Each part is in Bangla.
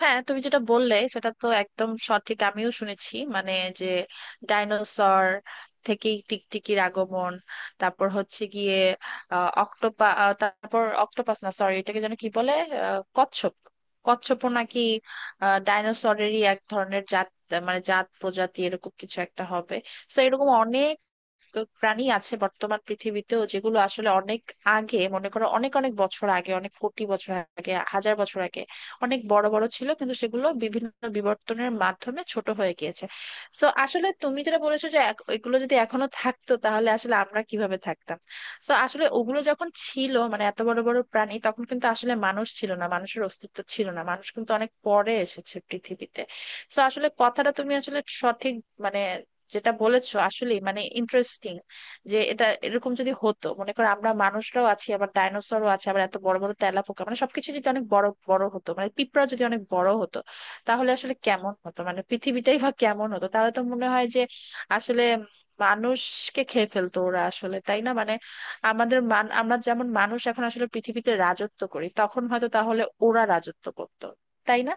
হ্যাঁ, তুমি যেটা বললে সেটা তো একদম সঠিক। আমিও শুনেছি, মানে যে ডাইনোসর থেকে টিকটিকির আগমন, তারপর হচ্ছে গিয়ে অক্টোপা তারপর অক্টোপাস না, সরি, এটাকে যেন কি বলে, কচ্ছপ। কচ্ছপও নাকি ডাইনোসরেরই এক ধরনের জাত, মানে জাত প্রজাতি এরকম কিছু একটা হবে। তো এরকম অনেক প্রাণী আছে বর্তমান পৃথিবীতেও, যেগুলো আসলে অনেক আগে, মনে করো অনেক অনেক বছর আগে, অনেক কোটি বছর আগে, হাজার বছর আগে অনেক বড় বড় ছিল, কিন্তু সেগুলো বিভিন্ন বিবর্তনের মাধ্যমে ছোট হয়ে গিয়েছে। সো আসলে তুমি যেটা বলেছো যে এগুলো যদি এখনো থাকতো তাহলে আসলে আমরা কিভাবে থাকতাম। সো আসলে ওগুলো যখন ছিল, মানে এত বড় বড় প্রাণী, তখন কিন্তু আসলে মানুষ ছিল না, মানুষের অস্তিত্ব ছিল না, মানুষ কিন্তু অনেক পরে এসেছে পৃথিবীতে। সো আসলে কথাটা তুমি আসলে সঠিক মানে যেটা বলেছো, আসলে মানে ইন্টারেস্টিং যে এটা এরকম যদি হতো। মনে করো, আমরা মানুষরাও আছি, আবার ডাইনোসরও আছে, আবার এত বড় বড় তেলাপোকা, মানে সবকিছু যদি অনেক বড় বড় হতো, মানে পিঁপড়া যদি অনেক বড় হতো, তাহলে আসলে কেমন হতো, মানে পৃথিবীটাই বা কেমন হতো? তাহলে তো মনে হয় যে আসলে মানুষকে খেয়ে ফেলতো ওরা আসলে, তাই না? মানে আমাদের মান আমরা যেমন মানুষ এখন আসলে পৃথিবীতে রাজত্ব করি, তখন হয়তো তাহলে ওরা রাজত্ব করতো, তাই না?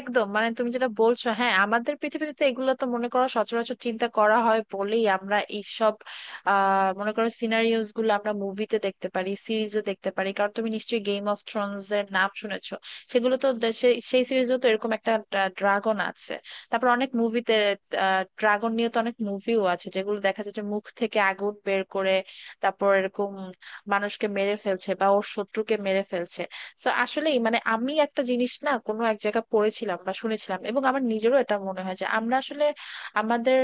একদম, মানে তুমি যেটা বলছো, হ্যাঁ আমাদের পৃথিবীতে তো এগুলো তো মনে করো সচরাচর চিন্তা করা হয় বলেই আমরা এইসব মনে করো সিনারিওস গুলো আমরা মুভিতে দেখতে পারি, সিরিজে দেখতে পারি, কারণ তুমি নিশ্চয়ই গেম অফ থ্রোনস এর নাম শুনেছো। সেগুলো তো দেশে সেই সিরিজেও তো এরকম একটা ড্রাগন আছে। তারপর অনেক মুভিতে, ড্রাগন নিয়ে তো অনেক মুভিও আছে যেগুলো দেখা যাচ্ছে মুখ থেকে আগুন বের করে, তারপর এরকম মানুষকে মেরে ফেলছে বা ওর শত্রুকে মেরে ফেলছে। তো আসলেই মানে আমি একটা জিনিস না কোনো এক জায়গায় পড়েছিলাম বা শুনেছিলাম, এবং আমার নিজেরও এটা মনে হয় যে আমরা আসলে আমাদের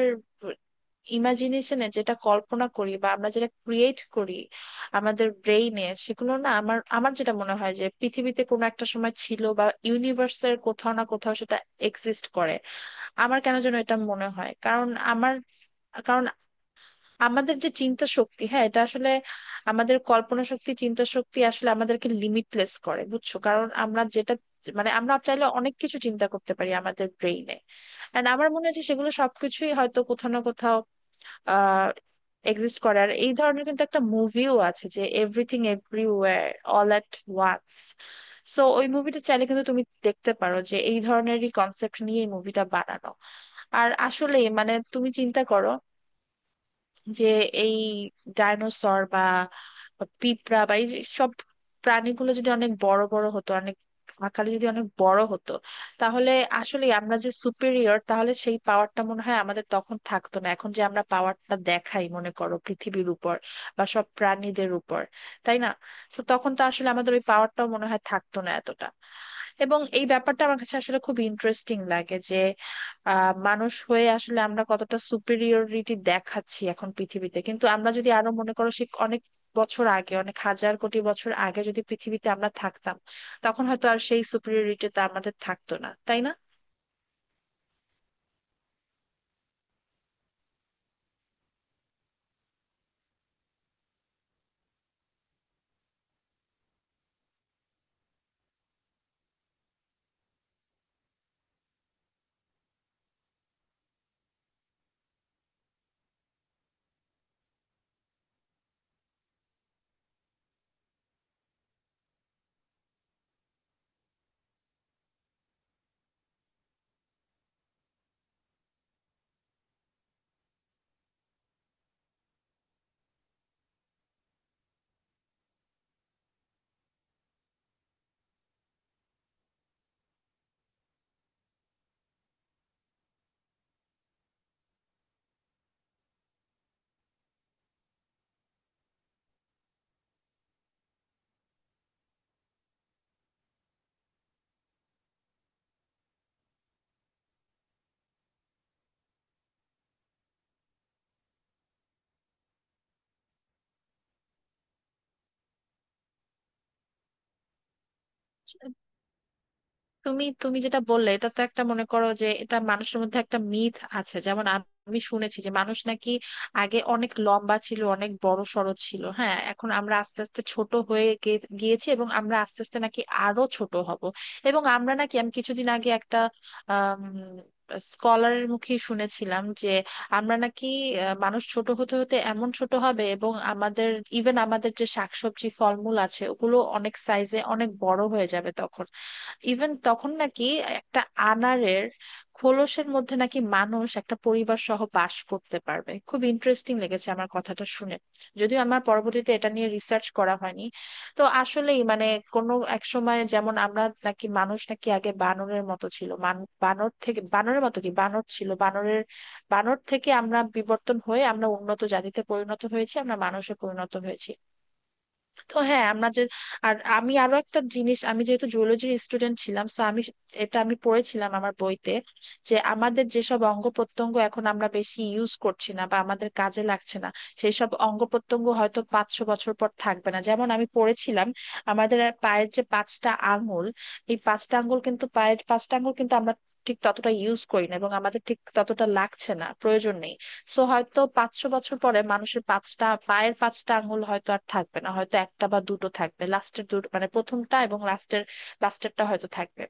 ইমাজিনেশনে যেটা কল্পনা করি বা আমরা যেটা ক্রিয়েট করি আমাদের ব্রেইনে, সেগুলো না, আমার আমার যেটা মনে হয় যে পৃথিবীতে কোনো একটা সময় ছিল বা ইউনিভার্সের কোথাও না কোথাও সেটা এক্সিস্ট করে। আমার কেন যেন এটা মনে হয়, কারণ আমার, কারণ আমাদের যে চিন্তা শক্তি, হ্যাঁ এটা আসলে আমাদের কল্পনা শক্তি, চিন্তা শক্তি আসলে আমাদেরকে লিমিটলেস করে, বুঝছো? কারণ আমরা যেটা মানে আমরা চাইলে অনেক কিছু চিন্তা করতে পারি আমাদের ব্রেইনে। এন্ড আমার মনে হয় যে সেগুলো সবকিছুই হয়তো কোথাও না কোথাও আহ এক্সিস্ট করে। আর এই ধরনের কিন্তু একটা মুভিও আছে, যে everything everywhere all at once. So ওই মুভিটা চাইলে কিন্তু তুমি দেখতে পারো, যে এই ধরনেরই কনসেপ্ট নিয়ে এই মুভিটা বানানো। আর আসলে মানে তুমি চিন্তা করো যে এই ডাইনোসর বা পিঁপড়া বা এই যে সব প্রাণীগুলো যদি অনেক বড় বড় হতো, অনেক আকারে যদি অনেক বড় হতো, তাহলে আসলে আমরা যে সুপিরিয়র, তাহলে সেই পাওয়ারটা মনে হয় আমাদের তখন থাকতো না। এখন যে আমরা পাওয়ারটা দেখাই মনে করো পৃথিবীর উপর বা সব প্রাণীদের উপর, তাই না? তো তখন তো আসলে আমাদের ওই পাওয়ারটাও মনে হয় থাকতো না এতটা। এবং এই ব্যাপারটা আমার কাছে আসলে খুব ইন্টারেস্টিং লাগে। মানুষ হয়ে আসলে আমরা কতটা সুপিরিয়রিটি দেখাচ্ছি এখন পৃথিবীতে, কিন্তু আমরা যদি আরো মনে করো সে অনেক বছর আগে, অনেক হাজার কোটি বছর আগে যদি পৃথিবীতে আমরা থাকতাম, তখন হয়তো আর সেই সুপিরিয়রিটিটা আমাদের থাকতো না, তাই না? তুমি তুমি যেটা বললে, এটা তো একটা, মনে করো যে এটা মানুষের মধ্যে একটা মিথ আছে, যেমন আমি শুনেছি যে মানুষ নাকি আগে অনেক লম্বা ছিল, অনেক বড় সড়ো ছিল, হ্যাঁ এখন আমরা আস্তে আস্তে ছোট হয়ে গিয়েছি, এবং আমরা আস্তে আস্তে নাকি আরো ছোট হব। এবং আমরা নাকি, আমি কিছুদিন আগে একটা আহ স্কলারের মুখে শুনেছিলাম যে আমরা নাকি মানুষ ছোট হতে হতে এমন ছোট হবে, এবং আমাদের ইভেন আমাদের যে শাকসবজি ফলমূল আছে ওগুলো অনেক সাইজে অনেক বড় হয়ে যাবে তখন। ইভেন তখন নাকি একটা আনারের খোলসের মধ্যে নাকি মানুষ একটা পরিবার সহ বাস করতে পারবে। খুব ইন্টারেস্টিং লেগেছে আমার কথাটা শুনে, যদিও আমার পরবর্তীতে এটা নিয়ে রিসার্চ করা হয়নি। তো আসলেই মানে কোনো এক সময় যেমন আমরা নাকি মানুষ নাকি আগে বানরের মতো ছিল, বানর থেকে, বানরের মতো কি বানর ছিল বানরের, বানর থেকে আমরা বিবর্তন হয়ে আমরা উন্নত জাতিতে পরিণত হয়েছি, আমরা মানুষে পরিণত হয়েছি। তো হ্যাঁ, আমরা যে আর আমি আরো একটা জিনিস, আমি যেহেতু জুওলজির স্টুডেন্ট ছিলাম তো আমি এটা আমি পড়েছিলাম আমার বইতে যে আমাদের যেসব অঙ্গ প্রত্যঙ্গ এখন আমরা বেশি ইউজ করছি না বা আমাদের কাজে লাগছে না, সেই সব অঙ্গ প্রত্যঙ্গ হয়তো 500 বছর পর থাকবে না। যেমন আমি পড়েছিলাম আমাদের পায়ের যে পাঁচটা আঙ্গুল, এই পাঁচটা আঙ্গুল কিন্তু পায়ের পাঁচটা আঙ্গুল কিন্তু আমরা ঠিক ততটা ইউজ করি না, এবং আমাদের ঠিক ততটা লাগছে না, প্রয়োজন নেই। সো হয়তো 500 বছর পরে মানুষের পাঁচটা পায়ের পাঁচটা আঙ্গুল হয়তো আর থাকবে না, হয়তো একটা বা দুটো থাকবে, লাস্টের দুটো, মানে প্রথমটা এবং লাস্টের লাস্টেরটা হয়তো থাকবে।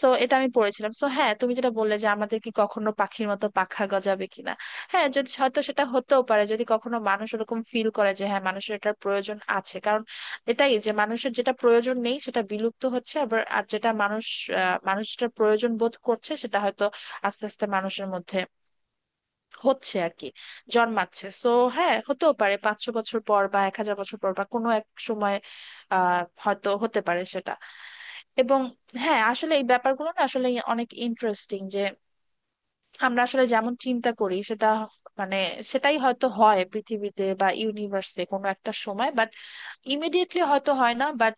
সো এটা আমি পড়েছিলাম। সো হ্যাঁ, তুমি যেটা বললে যে আমাদের কি কখনো পাখির মতো পাখা গজাবে কিনা, হ্যাঁ, যদি হয়তো সেটা হতেও পারে, যদি কখনো মানুষ ওরকম ফিল করে যে হ্যাঁ মানুষের এটার প্রয়োজন আছে। কারণ এটাই যে মানুষের যেটা প্রয়োজন নেই সেটা বিলুপ্ত হচ্ছে, আবার আর যেটা মানুষ মানুষ যেটা প্রয়োজন বোধ করছে সেটা হয়তো আস্তে আস্তে মানুষের মধ্যে হচ্ছে আর কি, জন্মাচ্ছে। তো হ্যাঁ, হতেও পারে 500 বছর পর বা 1,000 বছর পর বা কোনো এক সময় আহ হয়তো হতে পারে সেটা। এবং হ্যাঁ, আসলে এই ব্যাপারগুলো না আসলে অনেক ইন্টারেস্টিং, যে আমরা আসলে যেমন চিন্তা করি, সেটা মানে সেটাই হয়তো হয় পৃথিবীতে বা ইউনিভার্সে কোনো একটা সময়। বাট ইমিডিয়েটলি হয়তো হয় না, বাট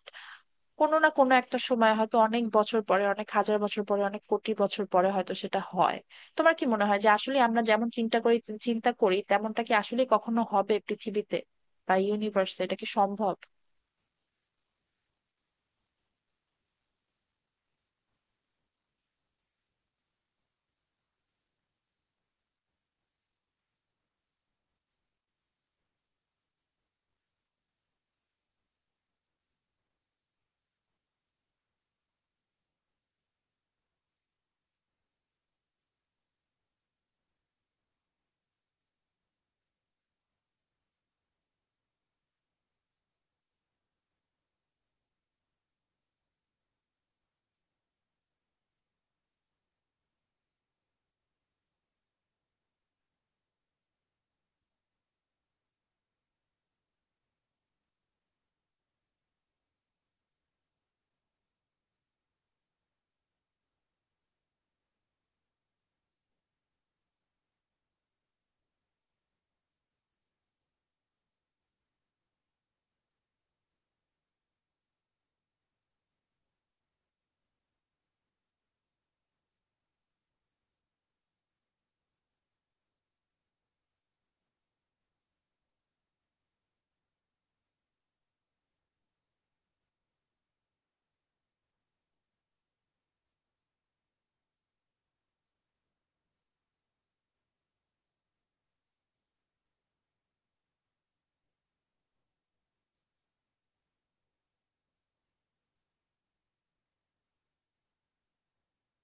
কোনো না কোনো একটা সময় হয়তো অনেক বছর পরে, অনেক হাজার বছর পরে, অনেক কোটি বছর পরে হয়তো সেটা হয়। তোমার কি মনে হয় যে আসলে আমরা যেমন চিন্তা করি তেমনটা কি আসলে কখনো হবে পৃথিবীতে বা ইউনিভার্সে, এটা কি সম্ভব?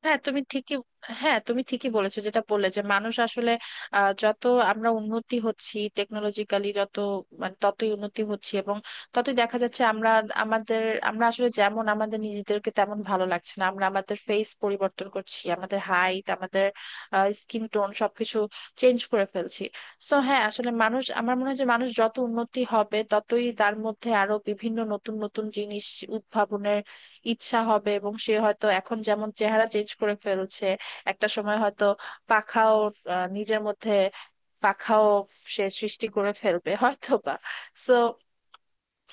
হ্যাঁ তুমি ঠিকই হ্যাঁ, তুমি ঠিকই বলেছো, যেটা বললে যে মানুষ আসলে যত আমরা উন্নতি হচ্ছি টেকনোলজিক্যালি, যত মানে ততই উন্নতি হচ্ছি, এবং ততই দেখা যাচ্ছে আমরা আমাদের, আমরা আসলে যেমন আমাদের নিজেদেরকে তেমন ভালো লাগছে না, আমরা আমাদের ফেস পরিবর্তন করছি, আমাদের হাইট, আমাদের স্কিন টোন সবকিছু চেঞ্জ করে ফেলছি। সো হ্যাঁ, আসলে মানুষ আমার মনে হয় যে মানুষ যত উন্নতি হবে ততই তার মধ্যে আরো বিভিন্ন নতুন নতুন জিনিস উদ্ভাবনের ইচ্ছা হবে, এবং সে হয়তো এখন যেমন চেহারা চেঞ্জ করে ফেলছে, একটা সময় হয়তো পাখাও নিজের মধ্যে পাখাও সে সৃষ্টি করে ফেলবে হয়তো বা। সো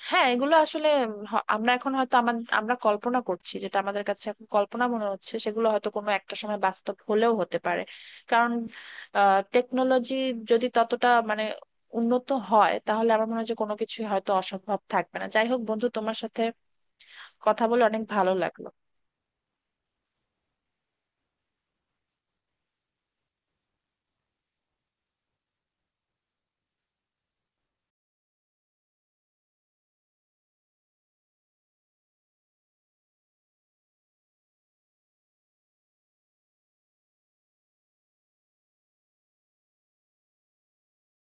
হ্যাঁ, এগুলো আসলে আমরা এখন হয়তো আমাদের আমরা কল্পনা করছি, যেটা আমাদের কাছে এখন কল্পনা মনে হচ্ছে সেগুলো হয়তো কোনো একটা সময় বাস্তব হলেও হতে পারে। কারণ টেকনোলজি যদি ততটা মানে উন্নত হয়, তাহলে আমার মনে হয় যে কোনো কিছুই হয়তো অসম্ভব থাকবে না। যাই হোক বন্ধু, তোমার সাথে কথা বলে অনেক ভালো লাগলো।